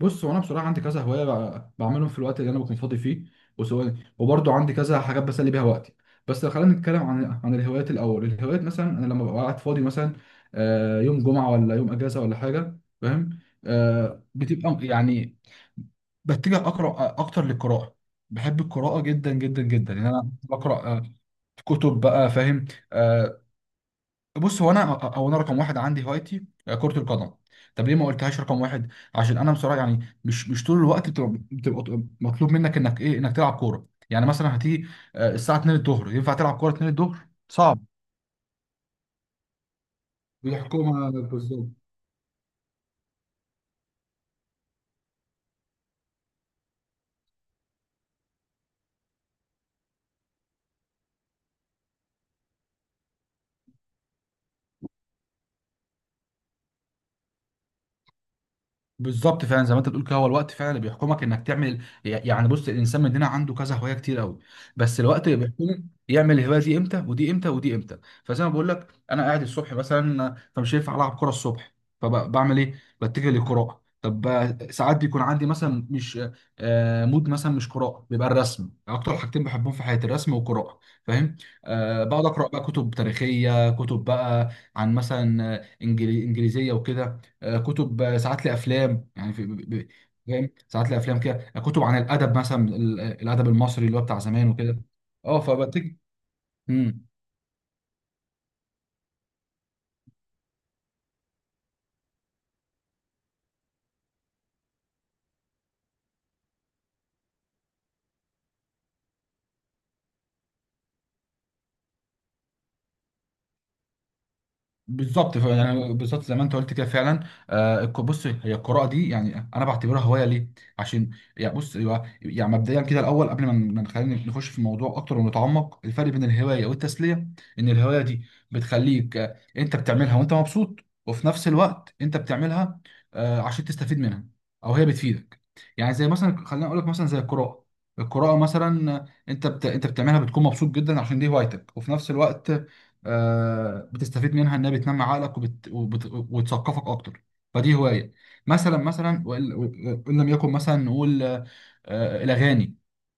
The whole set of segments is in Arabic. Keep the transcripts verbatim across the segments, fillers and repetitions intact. بص هو انا بصراحه عندي كذا هوايه، بع- بعملهم في الوقت اللي انا بكون فاضي فيه، وسواء وبرضه عندي كذا حاجات بسلي بيها وقتي. بس لو خلينا نتكلم عن عن الهوايات الاول، الهوايات مثلا انا لما ببقى قاعد فاضي مثلا، آه، يوم جمعه ولا يوم اجازه ولا حاجه، فاهم؟ آه، بتبقى يعني بتجه اقرا اكتر للقراءه. بحب القراءه جدا جدا جدا، يعني انا بقرا آه، كتب بقى، فاهم؟ آه، بص هو انا هو انا رقم واحد عندي هوايتي كرة القدم. طب ليه ما قلتهاش رقم واحد؟ عشان انا بصراحة يعني مش مش طول الوقت بتبقى, بتبقى مطلوب منك انك ايه، انك تلعب كورة. يعني مثلا هتيجي آه، الساعة اتنين الظهر، ينفع تلعب كورة اتنين الظهر؟ صعب. بالحكومة بالظبط. بالظبط فعلا زي ما انت بتقول كده، هو الوقت فعلا اللي بيحكمك انك تعمل. يعني بص الانسان مننا عنده كذا هوايه كتير قوي، بس الوقت اللي بيحكمه يعمل الهوايه دي امتى ودي امتى ودي امتى. فزي ما بقول لك، انا قاعد الصبح مثلا، فمش هينفع العب كوره الصبح، فبعمل ايه؟ بتجه للقراءه. طب آه، ساعات بيكون عندي مثلا مش آه مود مثلا مش قراءه، بيبقى الرسم. اكتر حاجتين بحبهم في حياتي الرسم والقراءه، فاهم؟ آه بقعد اقرا بقى كتب تاريخيه، كتب بقى عن مثلا آه، إنجلي- انجليزيه وكده، آه، كتب، آه، ساعات لي افلام، يعني في ب- ب- فاهم، ساعات لي افلام كده، آه، كتب عن الادب مثلا، ال- الادب المصري اللي هو بتاع زمان وكده. اه، فبتيجي. بالظبط، ف- يعني بالظبط زي ما انت قلت كده فعلا. آه الك- بص، هي القراءه دي يعني انا بعتبرها هوايه ليه؟ عشان يعني بص، يبقى- يعني مبدئيا كده، الاول قبل ما ن- ما نخلينا نخش في الموضوع اكتر ونتعمق، الفرق بين الهوايه والتسليه ان الهوايه دي بتخليك آه، انت بتعملها وانت مبسوط، وفي نفس الوقت انت بتعملها آه عشان تستفيد منها، او هي بتفيدك. يعني زي مثلا، خلينا اقول لك مثلا زي القراءه، القراءه مثلا آه، انت بت... انت بتعملها بتكون مبسوط جدا عشان دي هوايتك، وفي نفس الوقت آه، بتستفيد منها، انها بتنمي عقلك وبت... وبت... وتثقفك اكتر. فدي هوايه. مثلا مثلا وان وإن لم يكن، مثلا نقول آه، آه، الاغاني،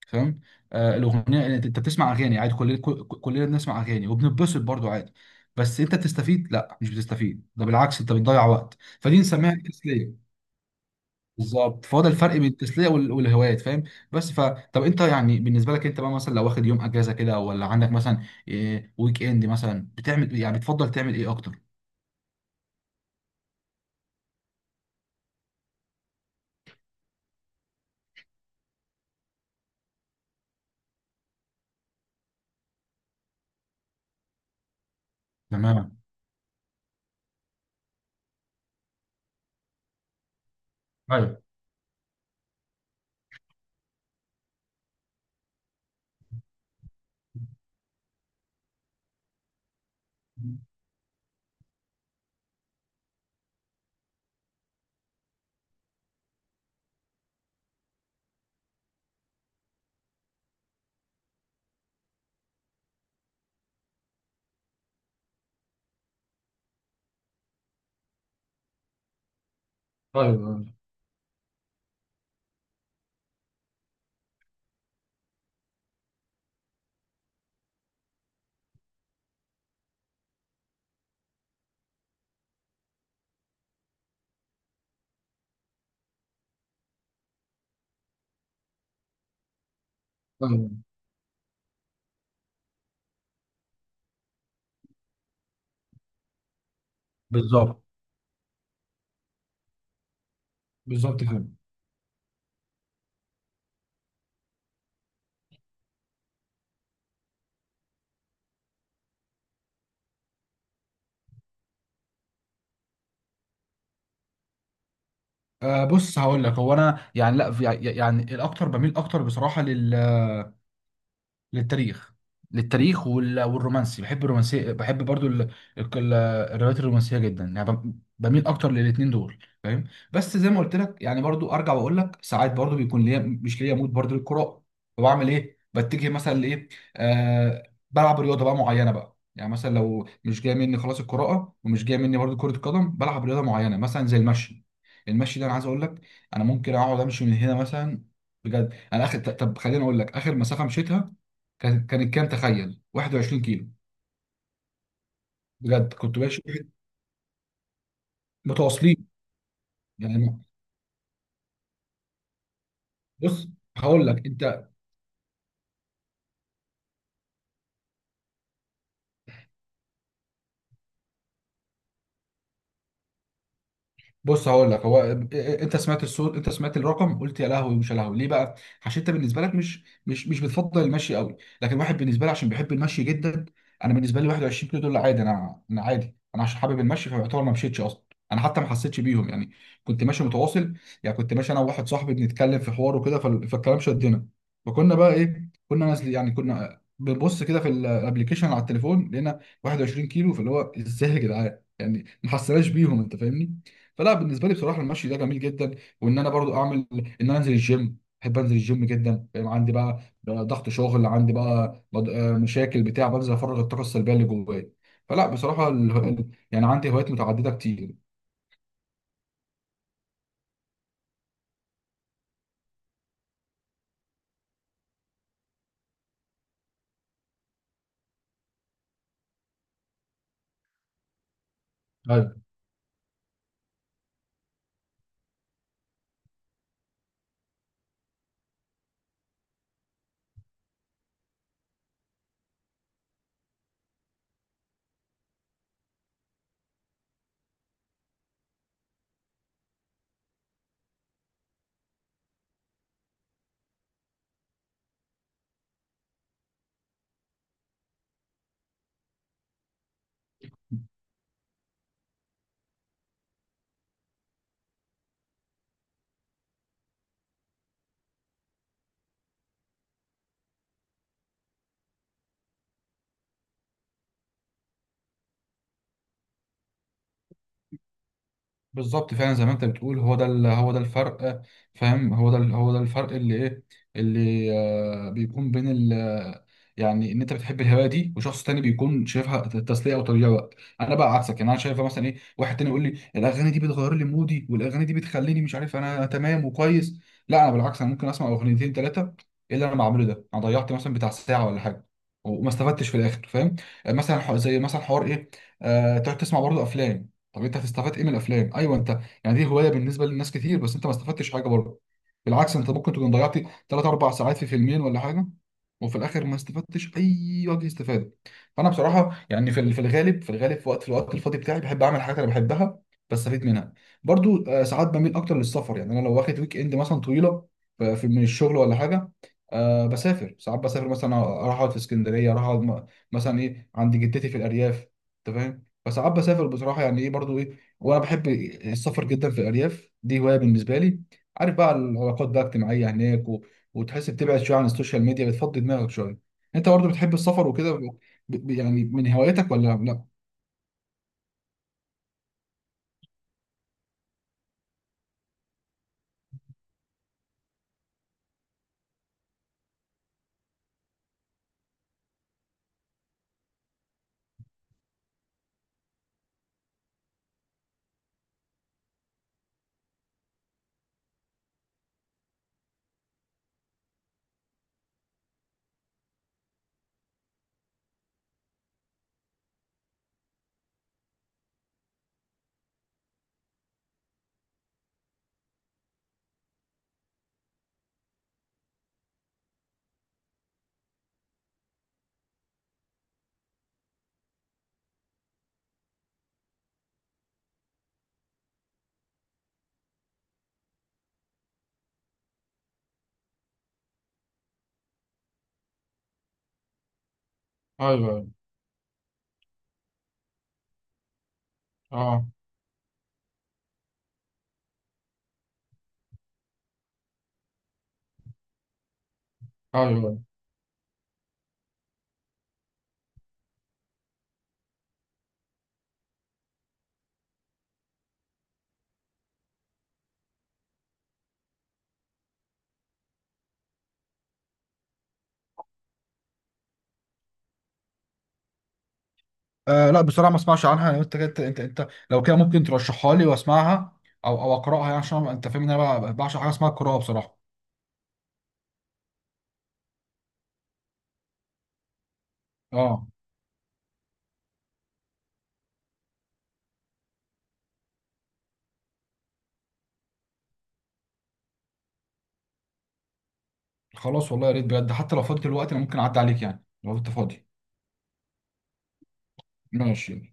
فاهم؟ آه، الاغنيه، انت أنت بتسمع اغاني عادي، كلنا كل- كلنا بنسمع اغاني وبنتبسط برضو عادي. بس انت بتستفيد؟ لا، مش بتستفيد، ده بالعكس انت بتضيع وقت، فدي نسميها. بالظبط، فهو ده الفرق بين التسليه وال- والهوايات، فاهم؟ بس ف طب انت يعني بالنسبه لك انت بقى، مثلا لو واخد يوم اجازه كده ولا عندك مثلا، إيه، ويك اند مثلا، بتعمل إيه؟ يعني بتفضل تعمل ايه اكتر؟ تمام. ايوه، ايوه، ايوه. بالظبط. بالظبط كده. آه بص هقول لك، هو انا يعني لا، في- يعني الاكتر بميل اكتر بصراحه للتاريخ. للتاريخ وال- والرومانسي، بحب الرومانسيه، بحب برضو ال- الك- ال- الروايات الرومانسيه جدا، يعني بم- بميل اكتر للاتنين دول، فاهم؟ بس زي ما قلت لك يعني، برضو ارجع واقول لك ساعات برضو بيكون ليا مش ليا مود برضو للقراءه، فبعمل ايه؟ بتجه مثلا لايه، آه بلعب رياضه بقى معينه بقى. يعني مثلا لو مش جاي مني خلاص القراءه، ومش جاي مني برضو كره القدم، بلعب رياضه معينه مثلا زي المشي. المشي ده انا عايز اقول لك، انا ممكن اقعد امشي من هنا مثلا. بجد انا اخر، طب خليني اقول لك اخر مسافه مشيتها، كان كانت كام، تخيل، واحد وعشرين كيلو. بجد كنت ماشي متواصلين، يعني بص هقول لك انت. بص هقول لك هو إيه، إيه، انت سمعت الصوت، انت سمعت الرقم، قلت يا لهوي. مش يا لهوي ليه بقى؟ عشان انت بالنسبه لك مش مش مش بتفضل المشي قوي. لكن واحد بالنسبه لي عشان بيحب المشي جدا، انا بالنسبه لي واحد وعشرين كيلو دول عادي، انا انا عادي، انا عشان حابب المشي، فيعتبر ما مشيتش اصلا، انا حتى ما حسيتش بيهم. يعني كنت ماشي متواصل، يعني كنت ماشي انا وواحد صاحبي بنتكلم في حوار وكده، فال- فالكلام شدنا، فكنا بقى ايه، كنا نازل، يعني كنا بنبص كده في الابلكيشن على التليفون، لقينا واحد وعشرين كيلو، فاللي هو ازاي يا جدعان، يعني ما حسناش بيهم، انت فاهمني؟ فلا، بالنسبه لي بصراحه المشي ده جميل جدا. وان انا برضو اعمل ان انا انزل الجيم، بحب انزل الجيم جدا، فاهم؟ عندي بقى بقى ضغط شغل، عندي بقى بض- آه، مشاكل بتاع، بنزل افرغ الطاقه السلبيه اللي جوايا. فلا بصراحه ال... ال- يعني عندي هوايات متعدده كتير. بالظبط، فعلا زي ما انت بتقول، هو ده ال- هو ده الفرق. فاهم؟ هو ده ال- هو ده الفرق اللي ايه، اللي آه بيكون بين ال يعني ان انت بتحب الهوايه دي، وشخص تاني بيكون شايفها تسليه او تضييع وقت. انا بقى عكسك، يعني انا شايفها مثلا، ايه، واحد تاني يقول لي الاغاني دي بتغير لي مودي، والاغاني دي بتخليني مش عارف، انا تمام وكويس. لا انا بالعكس، انا ممكن اسمع اغنيتين ثلاثه، ايه اللي انا بعمله ده؟ انا ضيعت مثلا بتاع ساعه ولا حاجه، وما استفدتش في الاخر، فاهم؟ آه، مثلا ح- زي مثلا حوار ايه، آه تقعد تسمع برضه افلام. طب انت هتستفاد ايه من الافلام؟ ايوه انت يعني دي هوايه بالنسبه للناس كتير، بس انت ما استفدتش حاجه برضه، بالعكس انت ممكن تكون ضيعت تلاته اربعه ساعات في فيلمين ولا حاجه، وفي الاخر ما استفدتش اي وجه استفاده. فانا بصراحه يعني في ال- في الغالب في الغالب في وقت في الوقت الفاضي بتاعي بحب اعمل حاجات انا بحبها، بستفيد منها. برضو آه، ساعات بميل اكتر للسفر. يعني انا لو واخد ويك اند مثلا طويله ف- في من الشغل ولا حاجه، أه بسافر. ساعات بسافر مثلا اروح اقعد في اسكندريه، اروح اقعد م- مثلا ايه عند جدتي في الارياف، انت فاهم؟ فساعات بسافر بصراحه، يعني ايه برضو، ايه، وانا بحب السفر جدا في الارياف، دي هوايه بالنسبه لي. عارف بقى العلاقات بقى اجتماعيه هناك و... وتحس بتبعد شويه عن السوشيال ميديا، بتفضي دماغك شويه. انت برضو بتحب السفر وكده ب... ب... يعني من هواياتك ولا لا؟ ايوه. اه. ايوه. آه لا بصراحه ما اسمعش عنها، يعني انت انت انت انت لو كده ممكن ترشحها لي واسمعها، او او اقراها، يعني عشان انت فاهم ان انا بقى- بعشق حاجه اسمها القراءه بصراحه. اه. خلاص، والله يا ريت بجد، حتى لو فاضي دلوقتي انا ممكن اعدي عليك، يعني لو انت فاضي. ماشي.